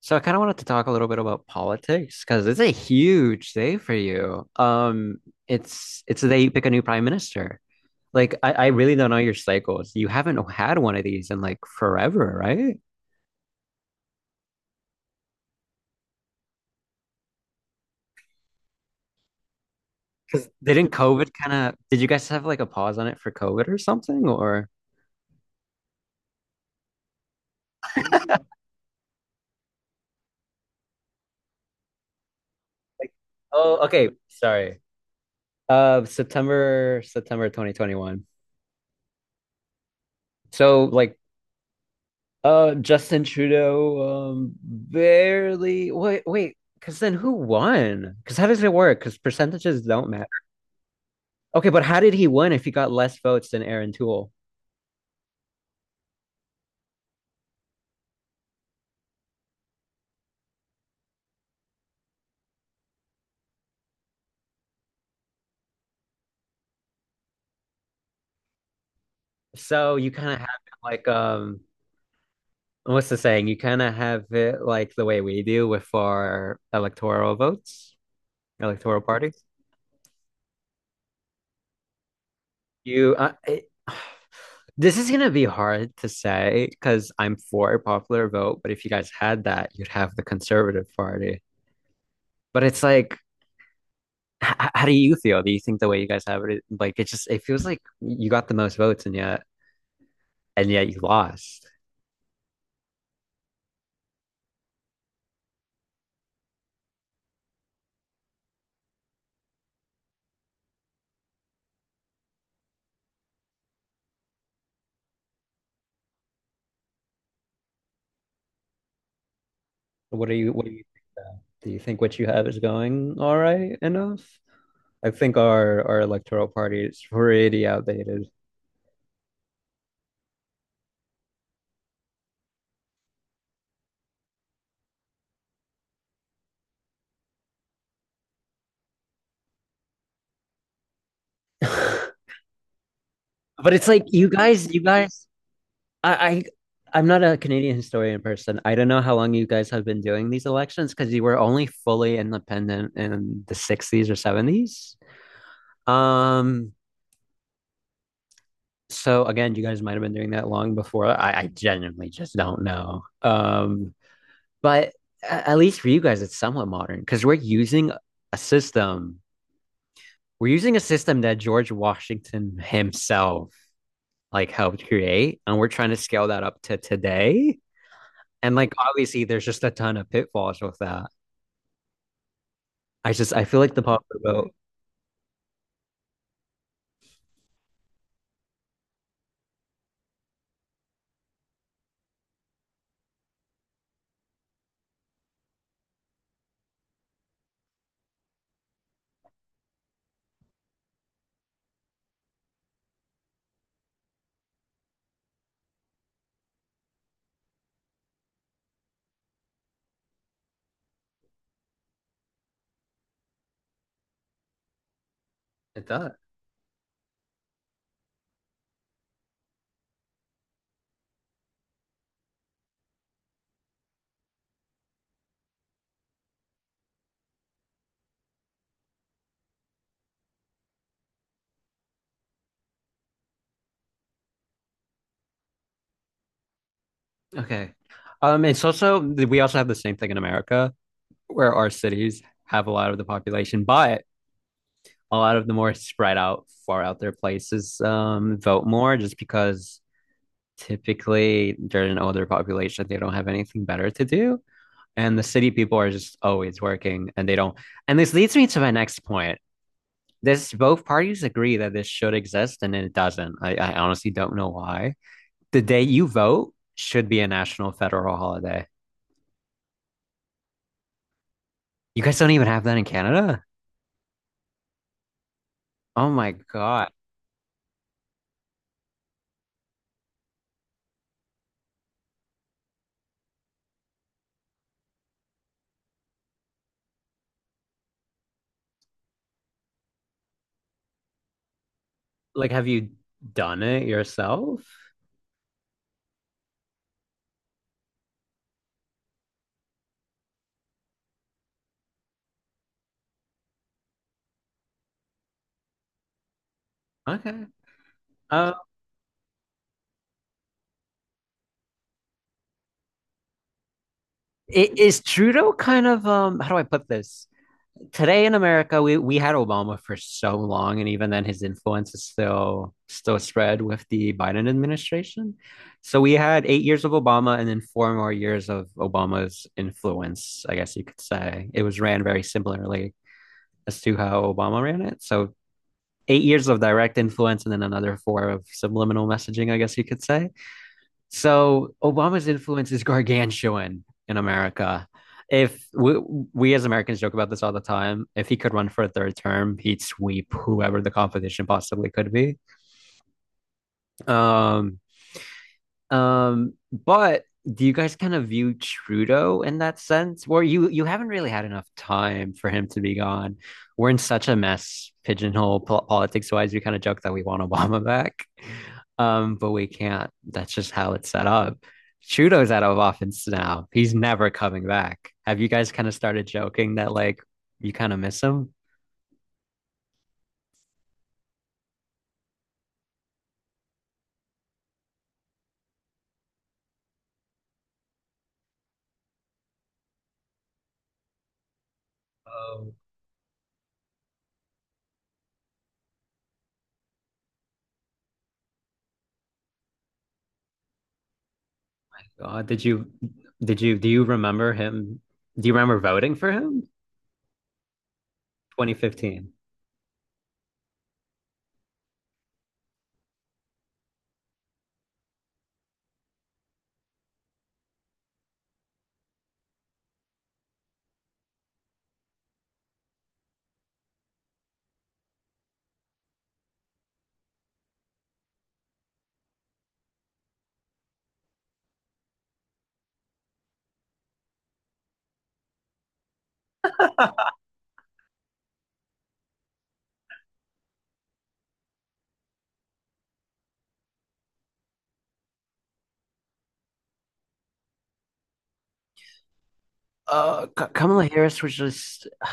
So I kind of wanted to talk a little bit about politics because it's a huge day for you. It's the day you pick a new prime minister. Like I really don't know your cycles. You haven't had one of these in like forever, right? Because didn't COVID kind of did you guys have like a pause on it for COVID or something? Or like oh okay, sorry. September 2021. So like Justin Trudeau, barely. Wait, wait, because then who won? Because how does it work? Because percentages don't matter. Okay, but how did he win if he got less votes than Aaron Toole? So you kind of have it like, what's the saying? You kind of have it like the way we do with our electoral votes, electoral parties. You, uh, it, this is gonna be hard to say because I'm for a popular vote, but if you guys had that, you'd have the Conservative Party. But it's like how do you feel? Do you think the way you guys have it, like it just it feels like you got the most votes and yet you lost. What do you think what you have is going all right enough? I think our electoral party is pretty outdated. But it's like you guys, I, I I'm not a Canadian historian person. I don't know how long you guys have been doing these elections because you were only fully independent in the 60s or 70s. Um, so again, you guys might have been doing that long before. I genuinely just don't know. But at least for you guys, it's somewhat modern because we're using a system. We're using a system that George Washington himself like helped create, and we're trying to scale that up to today. And like obviously, there's just a ton of pitfalls with that. I feel like the popular vote. It does. Okay. It's also we also have the same thing in America where our cities have a lot of the population, but a lot of the more spread out, far out there places vote more just because typically they're an older population. They don't have anything better to do. And the city people are just always working and they don't. And this leads me to my next point. This both parties agree that this should exist and it doesn't. I honestly don't know why. The day you vote should be a national federal holiday. You guys don't even have that in Canada? Oh my God. Like, have you done it yourself? Okay. Um, is Trudeau kind of how do I put this? Today in America, we had Obama for so long, and even then his influence is still spread with the Biden administration. So we had 8 years of Obama and then four more years of Obama's influence, I guess you could say. It was ran very similarly as to how Obama ran it. So 8 years of direct influence and then another four of subliminal messaging, I guess you could say. So Obama's influence is gargantuan in America. If we, we as Americans joke about this all the time, if he could run for a third term, he'd sweep whoever the competition possibly could be. Um, but do you guys kind of view Trudeau in that sense? Where you haven't really had enough time for him to be gone. We're in such a mess, pigeonhole po politics wise. We kind of joke that we want Obama back, but we can't. That's just how it's set up. Trudeau's out of office now. He's never coming back. Have you guys kind of started joking that like you kind of miss him? Oh God, did you do you remember him? Do you remember voting for him? 2015. Kamala Harris was just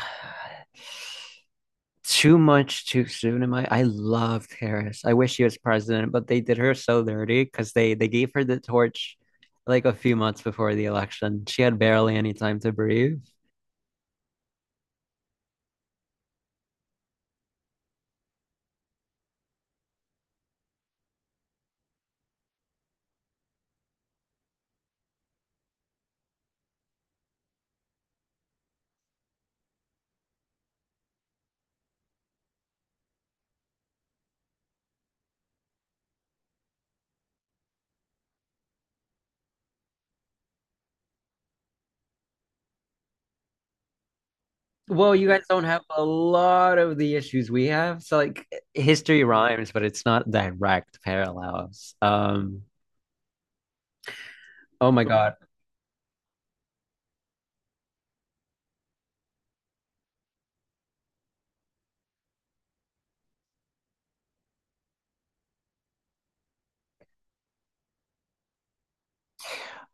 too much too soon. Am I? I loved Harris. I wish she was president, but they did her so dirty because they gave her the torch like a few months before the election. She had barely any time to breathe. Well, you guys don't have a lot of the issues we have. So like history rhymes, but it's not direct parallels. Oh my God.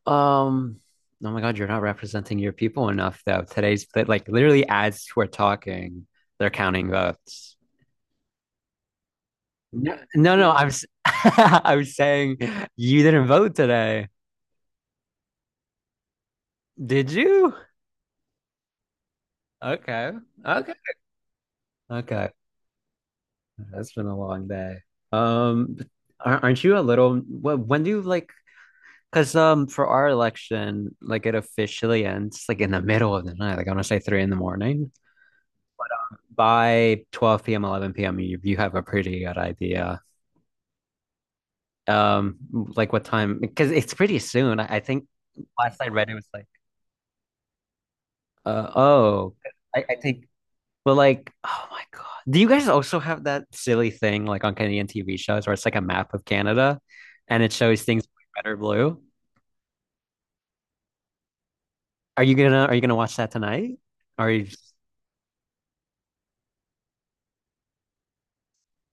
Um, oh my God, you're not representing your people enough, though. Today's like literally as we're talking, they're counting votes. No, no, no, I was I was saying you didn't vote today. Did you? Okay. Okay. Okay. That's been a long day. Um, aren't you a little when do you like because for our election, like it officially ends like in the middle of the night, like I want to say three in the morning. By 12 p.m., 11 p.m., you have a pretty good idea. Like what time? Because it's pretty soon. I think last I read it was like, uh, oh, I, I think, well, like, oh my God. Do you guys also have that silly thing like on Canadian TV shows where it's like a map of Canada and it shows things red or blue? Are you gonna watch that tonight? Are you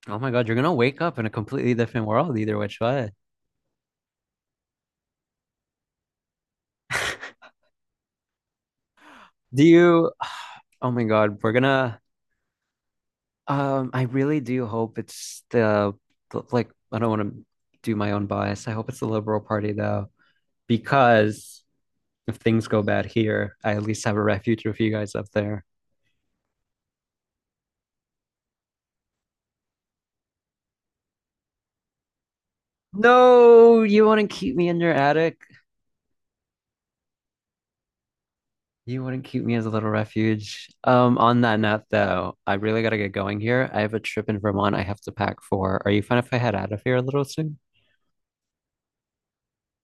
Oh my God, you're gonna wake up in a completely different world either which way. Do you, oh my God, we're gonna, I really do hope it's the like I don't want to do my own bias. I hope it's the Liberal Party though, because if things go bad here, I at least have a refuge with you guys up there. No, you wouldn't keep me in your attic. You wouldn't keep me as a little refuge. On that note though, I really gotta get going here. I have a trip in Vermont I have to pack for. Are you fine if I head out of here a little soon?